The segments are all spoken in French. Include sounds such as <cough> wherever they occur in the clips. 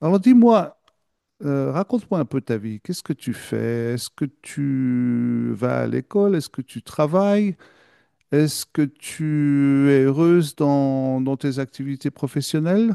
Alors dis-moi, raconte-moi un peu ta vie. Qu'est-ce que tu fais? Est-ce que tu vas à l'école? Est-ce que tu travailles? Est-ce que tu es heureuse dans tes activités professionnelles?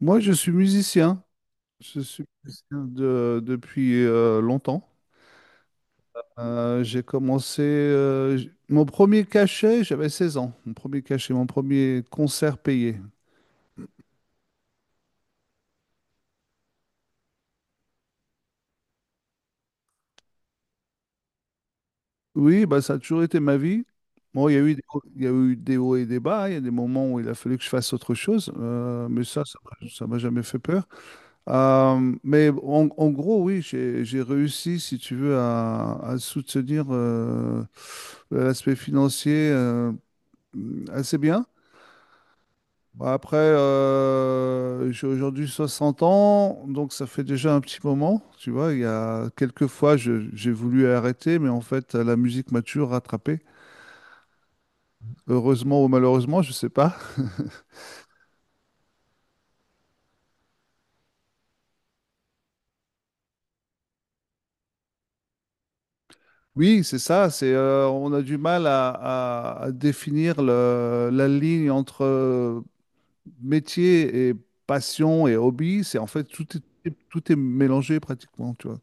Moi, je suis musicien. Je suis depuis longtemps. J'ai commencé mon premier cachet, j'avais 16 ans. Mon premier cachet, mon premier concert payé. Oui, bah, ça a toujours été ma vie. Bon, il y a eu des hauts et des bas. Il y a des moments où il a fallu que je fasse autre chose. Mais ça, ça m'a jamais fait peur. Mais en gros, oui, j'ai réussi, si tu veux, à soutenir l'aspect financier assez bien. Bah, après, j'ai aujourd'hui 60 ans, donc ça fait déjà un petit moment. Tu vois, il y a quelques fois, j'ai voulu arrêter, mais en fait, la musique m'a toujours rattrapé. Heureusement ou malheureusement, je sais pas. <laughs> Oui, c'est ça. C'est on a du mal à définir la ligne entre métier et passion et hobby. C'est en fait tout est mélangé pratiquement, tu vois.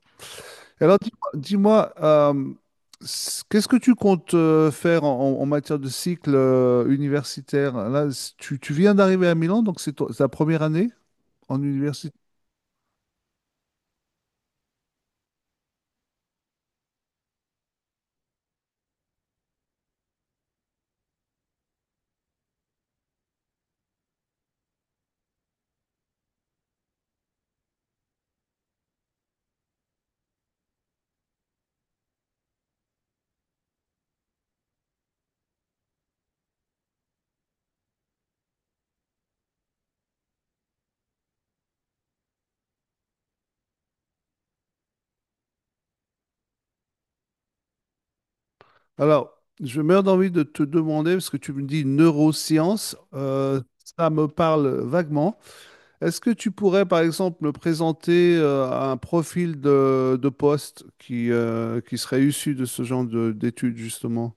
Alors dis-moi, qu'est-ce que tu comptes faire en matière de cycle universitaire? Là, tu viens d'arriver à Milan, donc c'est ta première année en université. Alors, je meurs d'envie de te demander, parce que tu me dis neurosciences, ça me parle vaguement. Est-ce que tu pourrais, par exemple, me présenter un profil de poste qui serait issu de ce genre d'études, justement?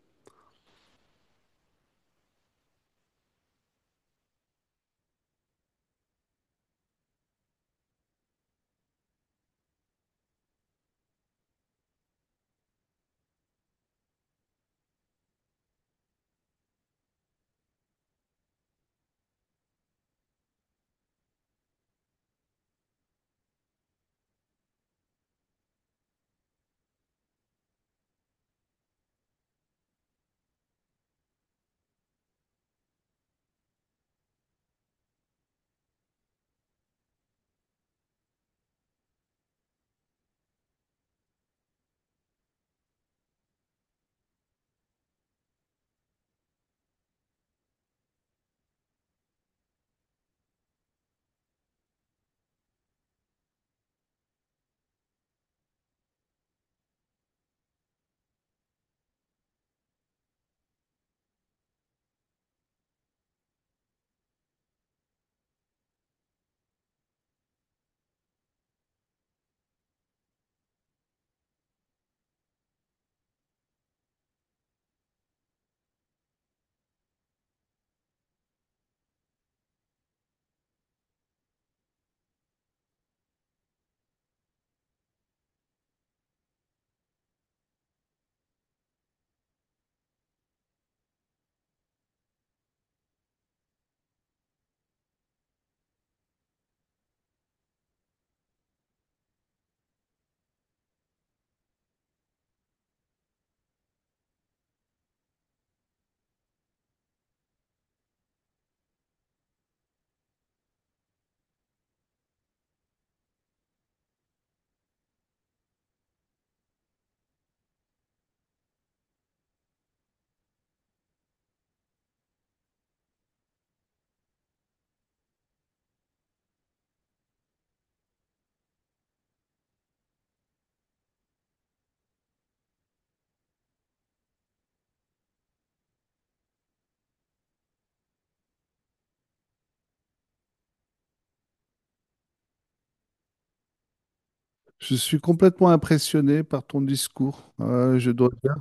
Je suis complètement impressionné par ton discours. Je dois dire,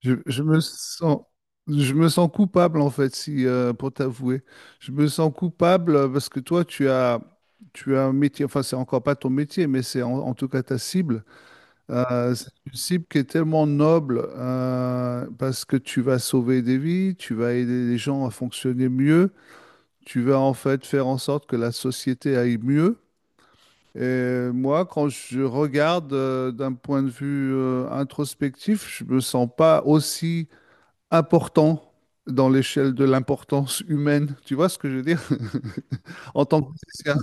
je, je me sens, je me sens coupable en fait, si pour t'avouer, je me sens coupable parce que toi, tu as un métier. Enfin, c'est encore pas ton métier, mais c'est en tout cas ta cible. C'est une cible qui est tellement noble parce que tu vas sauver des vies, tu vas aider les gens à fonctionner mieux, tu vas en fait faire en sorte que la société aille mieux. Et moi, quand je regarde d'un point de vue introspectif, je me sens pas aussi important dans l'échelle de l'importance humaine. Tu vois ce que je veux dire? <laughs> En tant que musicien.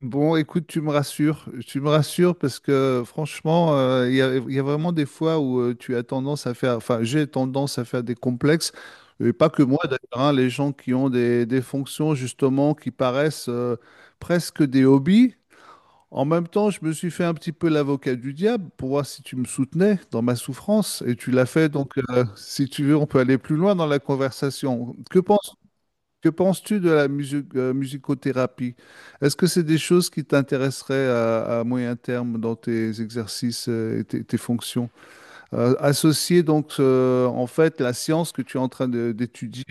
Bon, écoute, tu me rassures. Tu me rassures parce que franchement, il y a vraiment des fois où tu as tendance à faire, enfin, j'ai tendance à faire des complexes. Et pas que moi d'ailleurs, hein, les gens qui ont des fonctions justement qui paraissent presque des hobbies. En même temps, je me suis fait un petit peu l'avocat du diable pour voir si tu me soutenais dans ma souffrance, et tu l'as fait, donc si tu veux, on peut aller plus loin dans la conversation. Que penses-tu de la musicothérapie? Est-ce que c'est des choses qui t'intéresseraient à moyen terme dans tes exercices et tes fonctions? Associer donc en fait la science que tu es en train d'étudier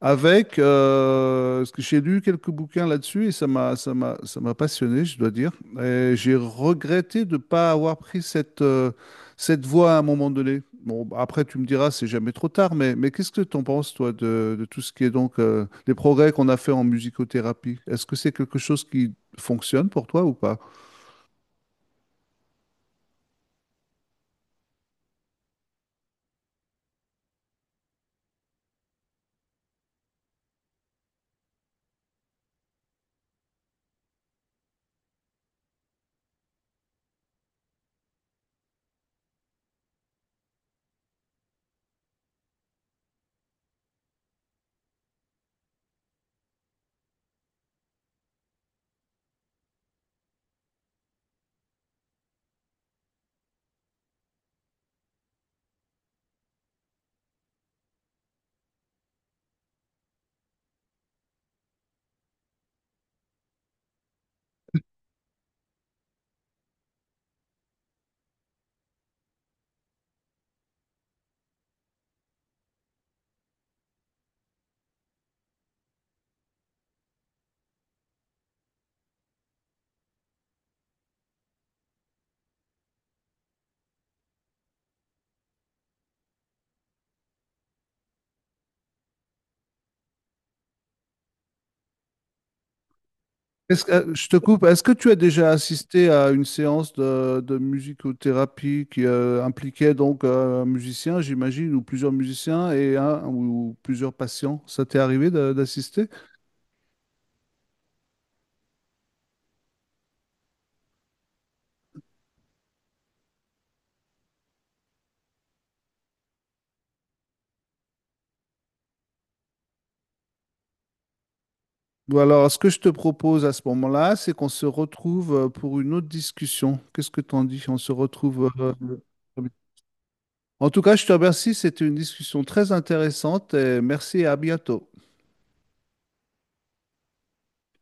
avec, parce que j'ai lu quelques bouquins là-dessus et ça m'a passionné, je dois dire. Et j'ai regretté de ne pas avoir pris cette, cette voie à un moment donné. Bon, après, tu me diras, c'est jamais trop tard, mais qu'est-ce que tu en penses, toi, de tout ce qui est donc les progrès qu'on a fait en musicothérapie? Est-ce que c'est quelque chose qui fonctionne pour toi ou pas? Je te coupe. Est-ce que tu as déjà assisté à une séance de musicothérapie qui impliquait donc un musicien, j'imagine, ou plusieurs musiciens et un ou plusieurs patients? Ça t'est arrivé d'assister? Ou alors, ce que je te propose à ce moment-là, c'est qu'on se retrouve pour une autre discussion. Qu'est-ce que t'en dis? On se retrouve. En tout cas, je te remercie. C'était une discussion très intéressante et merci et à bientôt.